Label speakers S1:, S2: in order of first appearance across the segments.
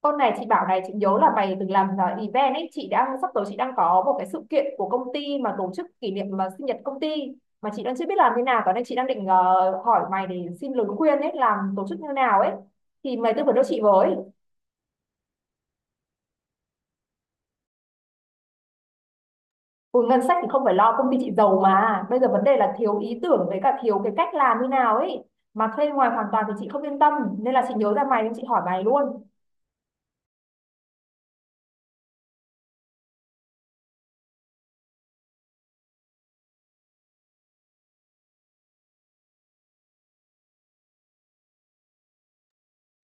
S1: Con này chị bảo này, chị nhớ là mày từng làm event ấy. Chị đang sắp tới, chị đang có một cái sự kiện của công ty mà tổ chức kỷ niệm, mà sinh nhật công ty mà chị đang chưa biết làm thế nào. Tối nay chị đang định hỏi mày để xin lời khuyên ấy, làm tổ chức như nào ấy, thì mày tư vấn cho chị với. Ừ, ngân sách thì không phải lo, công ty chị giàu, mà bây giờ vấn đề là thiếu ý tưởng với cả thiếu cái cách làm như nào ấy, mà thuê ngoài hoàn toàn thì chị không yên tâm, nên là chị nhớ ra mày nên chị hỏi mày luôn.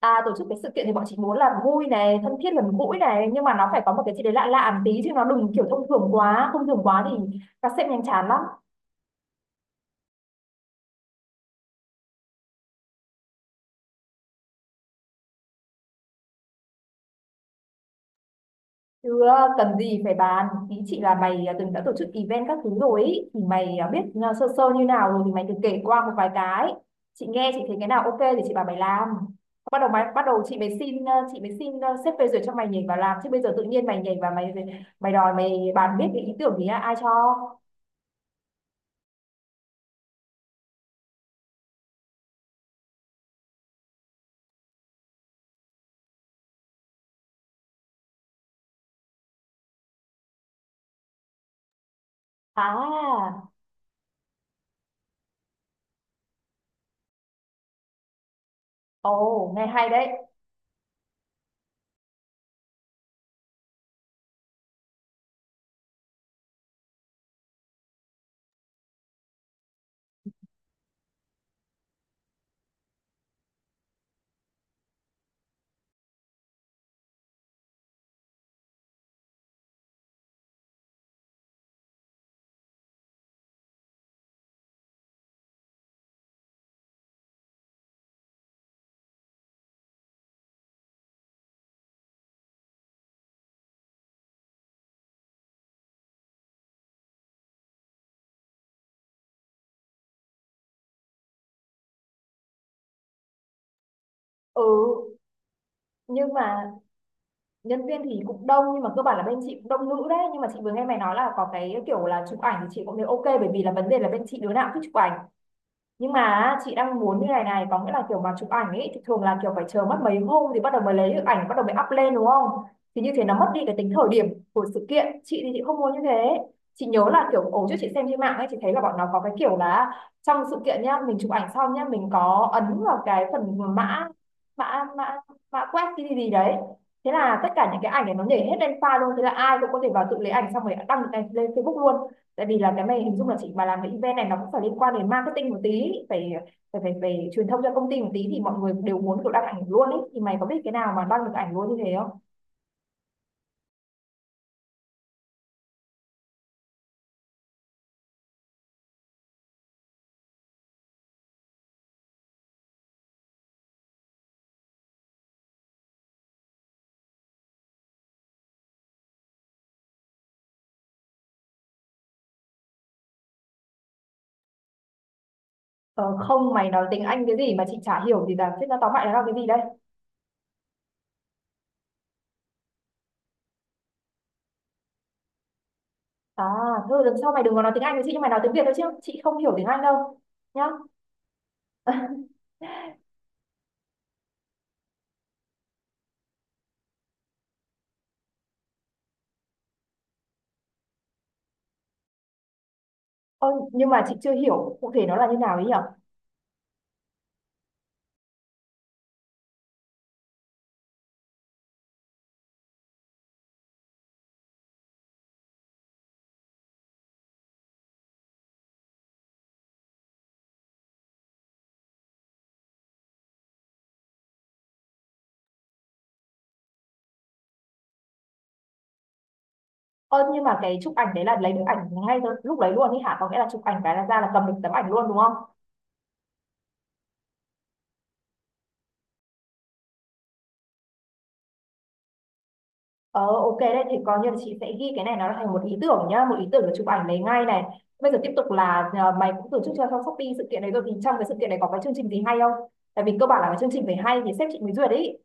S1: À, tổ chức cái sự kiện thì bọn chị muốn là vui này, thân thiết gần gũi này, nhưng mà nó phải có một cái gì đấy lạ lạ một tí, chứ nó đừng kiểu thông thường quá thì các sếp nhanh chán lắm. Chứ cần gì phải bàn, ý chị là mày từng đã tổ chức event các thứ rồi ý, thì mày biết sơ sơ như nào rồi thì mày cứ kể qua một vài cái. Chị nghe chị thấy cái nào ok thì chị bảo mày làm. Bắt đầu mày bắt đầu chị mới xin chị mới xin sếp phê duyệt cho mày nhảy vào làm, chứ bây giờ tự nhiên mày nhảy vào mày mày đòi mày bàn biết cái ý tưởng thì ai cho? À, ồ, nghe hay đấy. Ừ, nhưng mà nhân viên thì cũng đông, nhưng mà cơ bản là bên chị cũng đông nữ đấy, nhưng mà chị vừa nghe mày nói là có cái kiểu là chụp ảnh thì chị cũng thấy ok, bởi vì là vấn đề là bên chị đứa nào cũng thích chụp ảnh. Nhưng mà chị đang muốn như này này, có nghĩa là kiểu mà chụp ảnh ấy thì thường là kiểu phải chờ mất mấy hôm thì bắt đầu mới lấy được ảnh, bắt đầu mới up lên đúng không, thì như thế nó mất đi cái tính thời điểm của sự kiện, chị thì chị không muốn như thế. Chị nhớ là kiểu ổ trước chị xem trên mạng ấy, chị thấy là bọn nó có cái kiểu là trong sự kiện nhá, mình chụp ảnh xong nhá, mình có ấn vào cái phần mã, mã mã mã quét cái gì gì đấy, thế là tất cả những cái ảnh này nó nhảy hết lên file luôn, thế là ai cũng có thể vào tự lấy ảnh xong rồi đăng lên lên Facebook luôn. Tại vì là cái này hình dung là chị mà làm cái event này nó cũng phải liên quan đến marketing một tí, phải truyền thông cho công ty một tí, thì mọi người đều muốn kiểu đăng ảnh luôn ấy, thì mày có biết cái nào mà đăng được ảnh luôn như thế không? Ờ, Không, mày nói tiếng Anh cái gì mà chị chả hiểu, thì là thế, nó tóm lại là cái gì đây? À, thôi lần sau mày đừng có nói tiếng Anh với chị, nhưng mày nói tiếng Việt thôi, chứ chị không hiểu tiếng Anh đâu nhá. Ơ, nhưng mà chị chưa hiểu cụ thể nó là như nào ấy nhỉ? Ơ, nhưng mà cái chụp ảnh đấy là lấy được ảnh ngay từ lúc đấy luôn ấy hả? Có nghĩa là chụp ảnh cái là ra là cầm được tấm ảnh luôn đúng không? Ờ ok đấy, thì coi như là chị sẽ ghi cái này nó thành một ý tưởng nhá, một ý tưởng để chụp ảnh lấy ngay này. Bây giờ tiếp tục là à, mày cũng tổ chức cho trong Shopee sự kiện đấy rồi, thì trong cái sự kiện này có cái chương trình gì hay không? Tại vì cơ bản là cái chương trình phải hay thì sếp chị mới duyệt đấy.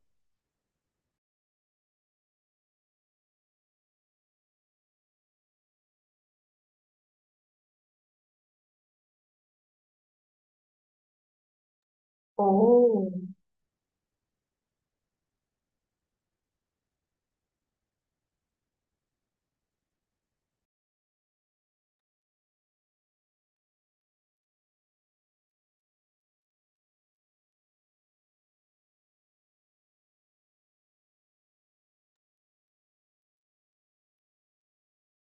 S1: Ồ.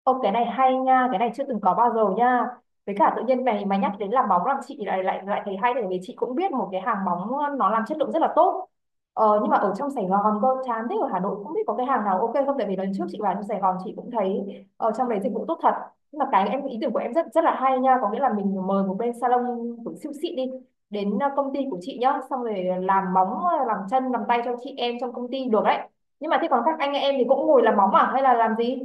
S1: Ô cái này hay nha, cái này chưa từng có bao giờ nha. Với cả tự nhiên mày mày nhắc đến làm móng làm chị lại lại lại thấy hay, tại vì chị cũng biết một cái hàng móng nó làm chất lượng rất là tốt. Ờ, nhưng mà ở trong Sài Gòn cơ chán thế, ở Hà Nội cũng biết có cái hàng nào ok không, tại vì lần trước chị vào trong Sài Gòn chị cũng thấy ở trong đấy dịch vụ tốt thật. Nhưng mà cái em ý tưởng của em rất rất là hay nha, có nghĩa là mình mời một bên salon của siêu xịn đi đến công ty của chị nhá, xong rồi làm móng, ờ, làm chân, làm tay cho chị em trong công ty được đấy. Nhưng mà thế còn các anh em thì cũng ngồi làm móng à hay là làm gì?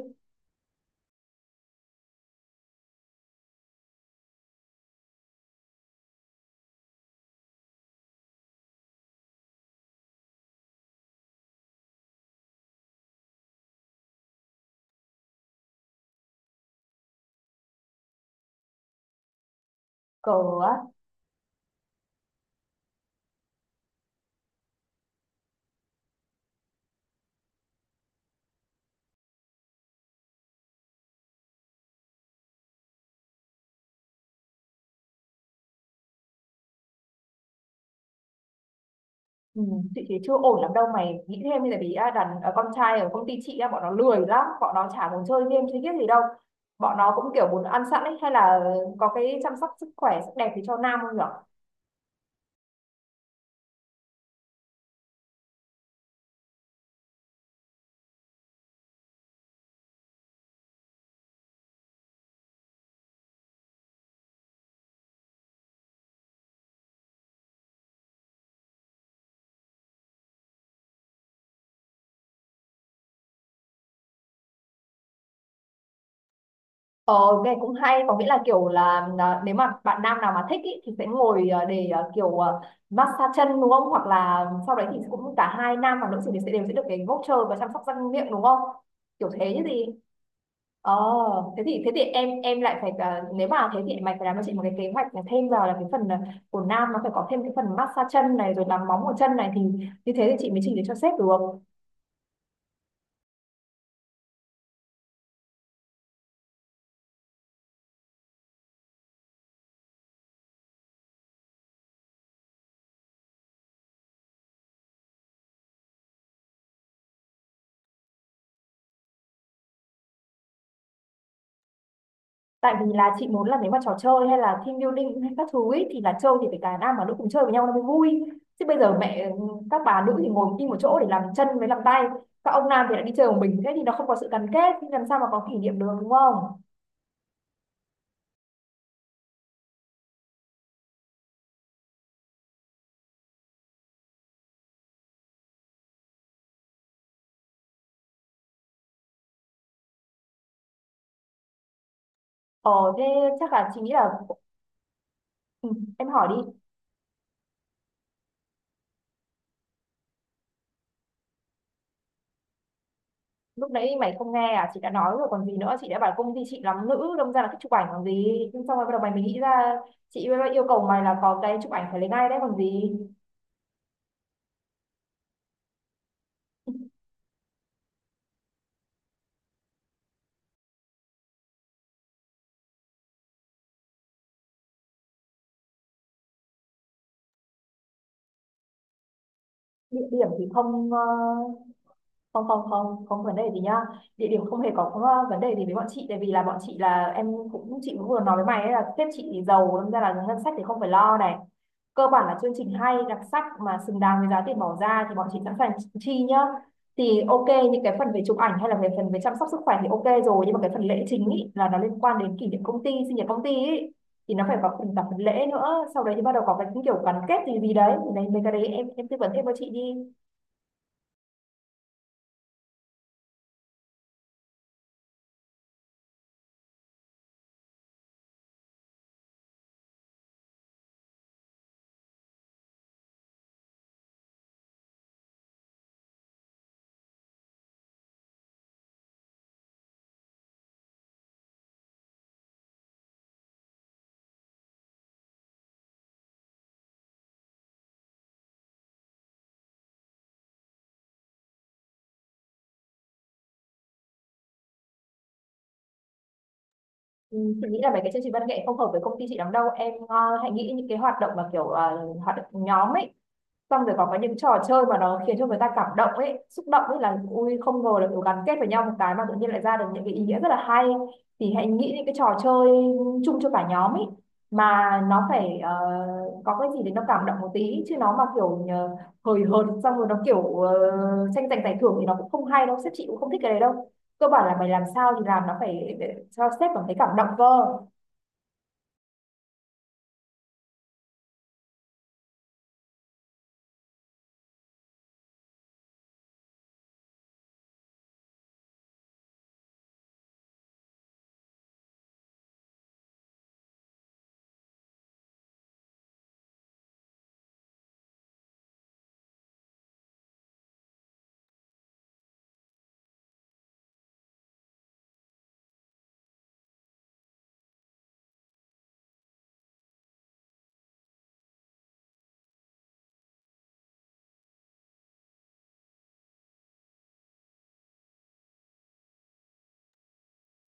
S1: Cờ á. Ừ, chị thấy chưa ổn lắm đâu, mày nghĩ thêm đi, tại vì à, con trai ở công ty chị á, bọn nó lười lắm, bọn nó chả muốn chơi game chơi biết gì đâu, bọn nó cũng kiểu muốn ăn sẵn ấy, hay là có cái chăm sóc sức khỏe sắc đẹp thì cho nam không nhở? Ờ nghe cũng hay, có nghĩa là kiểu là à, nếu mà bạn nam nào mà thích ý, thì sẽ ngồi à, để à, kiểu à, massage chân đúng không, hoặc là sau đấy thì cũng cả hai nam và nữ thì sẽ đều sẽ được cái voucher và chăm sóc răng miệng đúng không, kiểu thế chứ gì. Ờ, thế thì em lại phải nếu mà thế thì mày phải làm cho chị một cái kế hoạch là thêm vào là cái phần của nam, nó phải có thêm cái phần massage chân này rồi làm móng ở chân này, thì như thế thì chị mới trình được cho sếp được. Tại vì là chị muốn là nếu mà trò chơi hay là team building hay các thứ ý, thì là chơi thì phải cả nam và nữ cùng chơi với nhau nó mới vui. Chứ bây giờ mẹ ừ, các bà nữ thì ngồi im một chỗ để làm chân với làm tay, các ông nam thì lại đi chơi một mình, thế thì nó không có sự gắn kết, thì làm sao mà có kỷ niệm được đúng không? Ờ thế chắc là chị nghĩ là ừ, em hỏi đi. Lúc nãy mày không nghe à, chị đã nói rồi còn gì nữa, chị đã bảo công ty chị làm nữ đâm ra là cái chụp ảnh còn gì. Nhưng xong rồi bắt đầu mày mới nghĩ ra, chị yêu cầu mày là có cái chụp ảnh phải lấy ngay đấy còn gì. Địa điểm thì không ờ, không không không không vấn đề gì nhá, địa điểm không hề có vấn đề gì với bọn chị, tại vì là bọn chị là em cũng, chị cũng vừa nói với mày ấy, là sếp chị thì giàu, nên ra là ngân sách thì không phải lo này, cơ bản là chương trình hay đặc sắc mà xứng đáng với giá tiền bỏ ra thì bọn chị sẵn sàng chi nhá. Thì ok, những cái phần về chụp ảnh hay là về phần về chăm sóc sức khỏe thì ok rồi, nhưng mà cái phần lễ chính ý, là nó liên quan đến kỷ niệm công ty, sinh nhật công ty ý, thì nó phải có phần cả phần lễ nữa, sau đấy thì bắt đầu có cái kiểu gắn kết gì gì đấy, thì đấy mấy cái đấy em tư vấn thêm cho chị đi. Ừ, chị nghĩ là mấy cái chương trình văn nghệ không hợp với công ty chị lắm đâu em, hãy nghĩ những cái hoạt động mà kiểu hoạt động nhóm ấy, xong rồi còn có những trò chơi mà nó khiến cho người ta cảm động ấy, xúc động ấy, là ui không ngờ là kiểu gắn kết với nhau một cái mà tự nhiên lại ra được những cái ý nghĩa rất là hay, thì hãy nghĩ những cái trò chơi chung cho cả nhóm ấy, mà nó phải có cái gì để nó cảm động một tí, chứ nó mà kiểu hời hợt, xong rồi nó kiểu tranh giành giải thưởng thì nó cũng không hay đâu, sếp chị cũng không thích cái đấy đâu, cơ bản là mày làm sao thì làm nó phải để cho sếp cảm thấy cảm động cơ.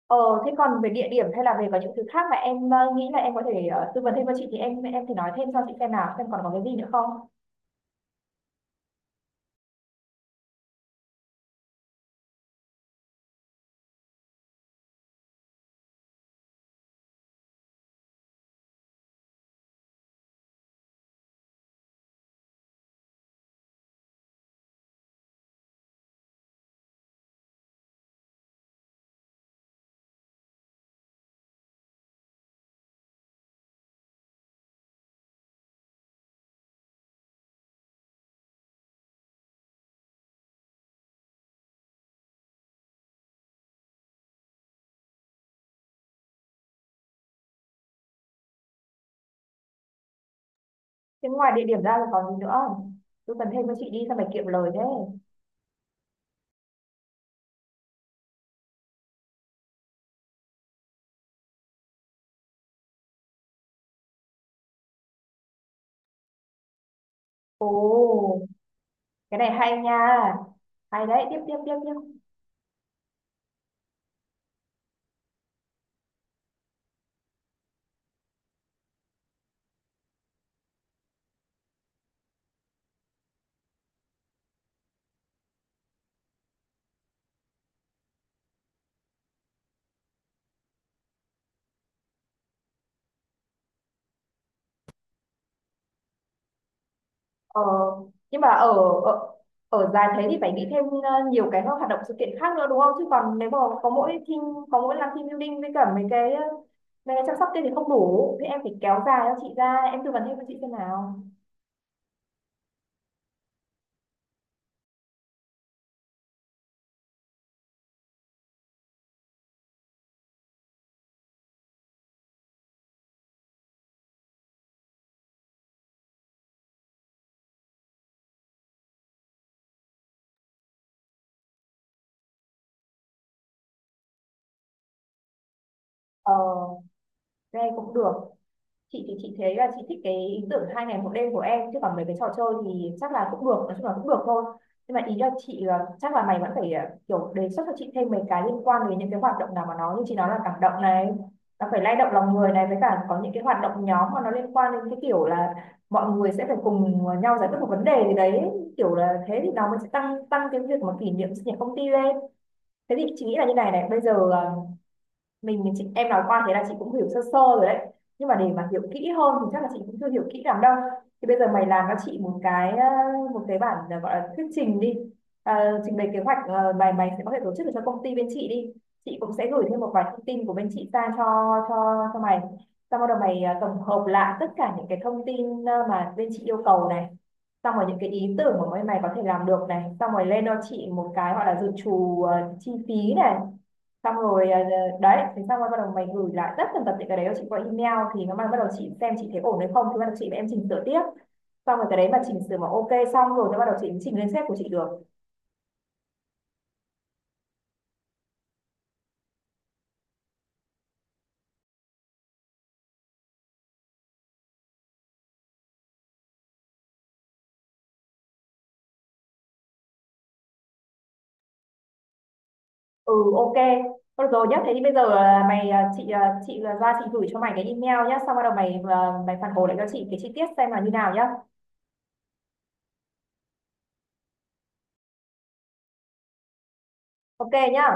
S1: Ờ, thế còn về địa điểm hay là về có những thứ khác mà em nghĩ là em có thể tư vấn thêm cho chị thì em thì nói thêm cho chị xem nào, xem còn có cái gì nữa không. Thế ngoài địa điểm ra là còn gì nữa không? Tư vấn thêm cho chị đi, sao phải kiệm lời thế. Ồ, cái này hay nha. Hay đấy, tiếp tiếp tiếp tiếp. Ờ, nhưng mà ở ở ở dài thế thì phải nghĩ thêm nhiều cái hoạt động sự kiện khác nữa đúng không? Chứ còn nếu mà có mỗi team, có mỗi làm team building với cả mấy cái mấy cái chăm sóc kia thì không đủ. Thế em phải kéo dài cho chị ra, em tư vấn thêm cho chị xem nào. Ờ, nghe cũng được. Chị thì chị thấy là chị thích cái ý tưởng hai ngày một đêm của em, chứ còn mấy cái trò chơi thì chắc là cũng được, nói chung là cũng được thôi. Nhưng mà ý là chị chắc là mày vẫn phải kiểu đề xuất cho chị thêm mấy cái liên quan đến những cái hoạt động nào mà nó như chị nói là cảm động này, nó phải lay động lòng người này, với cả có những cái hoạt động nhóm mà nó liên quan đến cái kiểu là mọi người sẽ phải cùng nhau giải quyết một vấn đề gì đấy, kiểu là thế thì nó mới sẽ tăng tăng cái việc mà kỷ niệm sinh nhật công ty lên. Thế thì chị nghĩ là như này này, bây giờ mình chị em nói qua thế là chị cũng hiểu sơ sơ rồi đấy, nhưng mà để mà hiểu kỹ hơn thì chắc là chị cũng chưa hiểu kỹ lắm đâu, thì bây giờ mày làm cho chị một cái một cái bản ờ, gọi là thuyết trình đi. Ờ, trình bày kế hoạch ờ, mày mày sẽ có thể tổ chức được cho công ty bên chị đi, chị cũng sẽ gửi thêm một vài thông tin của bên chị sang cho cho mày, xong bắt đầu mày tổng hợp lại tất cả những cái thông tin mà bên chị yêu cầu này, xong rồi những cái ý tưởng mà bên mày có thể làm được này, xong rồi lên cho chị một cái gọi là dự trù chi phí này, xong rồi đấy thế xong rồi bắt đầu mày gửi lại tất tần tật những cái đấy cho chị qua email, thì nó bắt đầu chị xem chị thấy ổn hay không thì bắt đầu chị và em chỉnh sửa tiếp, xong rồi cái đấy mà chỉnh sửa mà ok xong rồi thì bắt đầu chị chỉnh lên sếp của chị được. Ừ ok. Thôi được rồi nhá, thế thì bây giờ à, mày à, ra chị gửi cho mày cái email nhá, xong bắt đầu mày à, mày phản hồi lại cho chị cái chi tiết xem là như nào nhá. Ok nhá.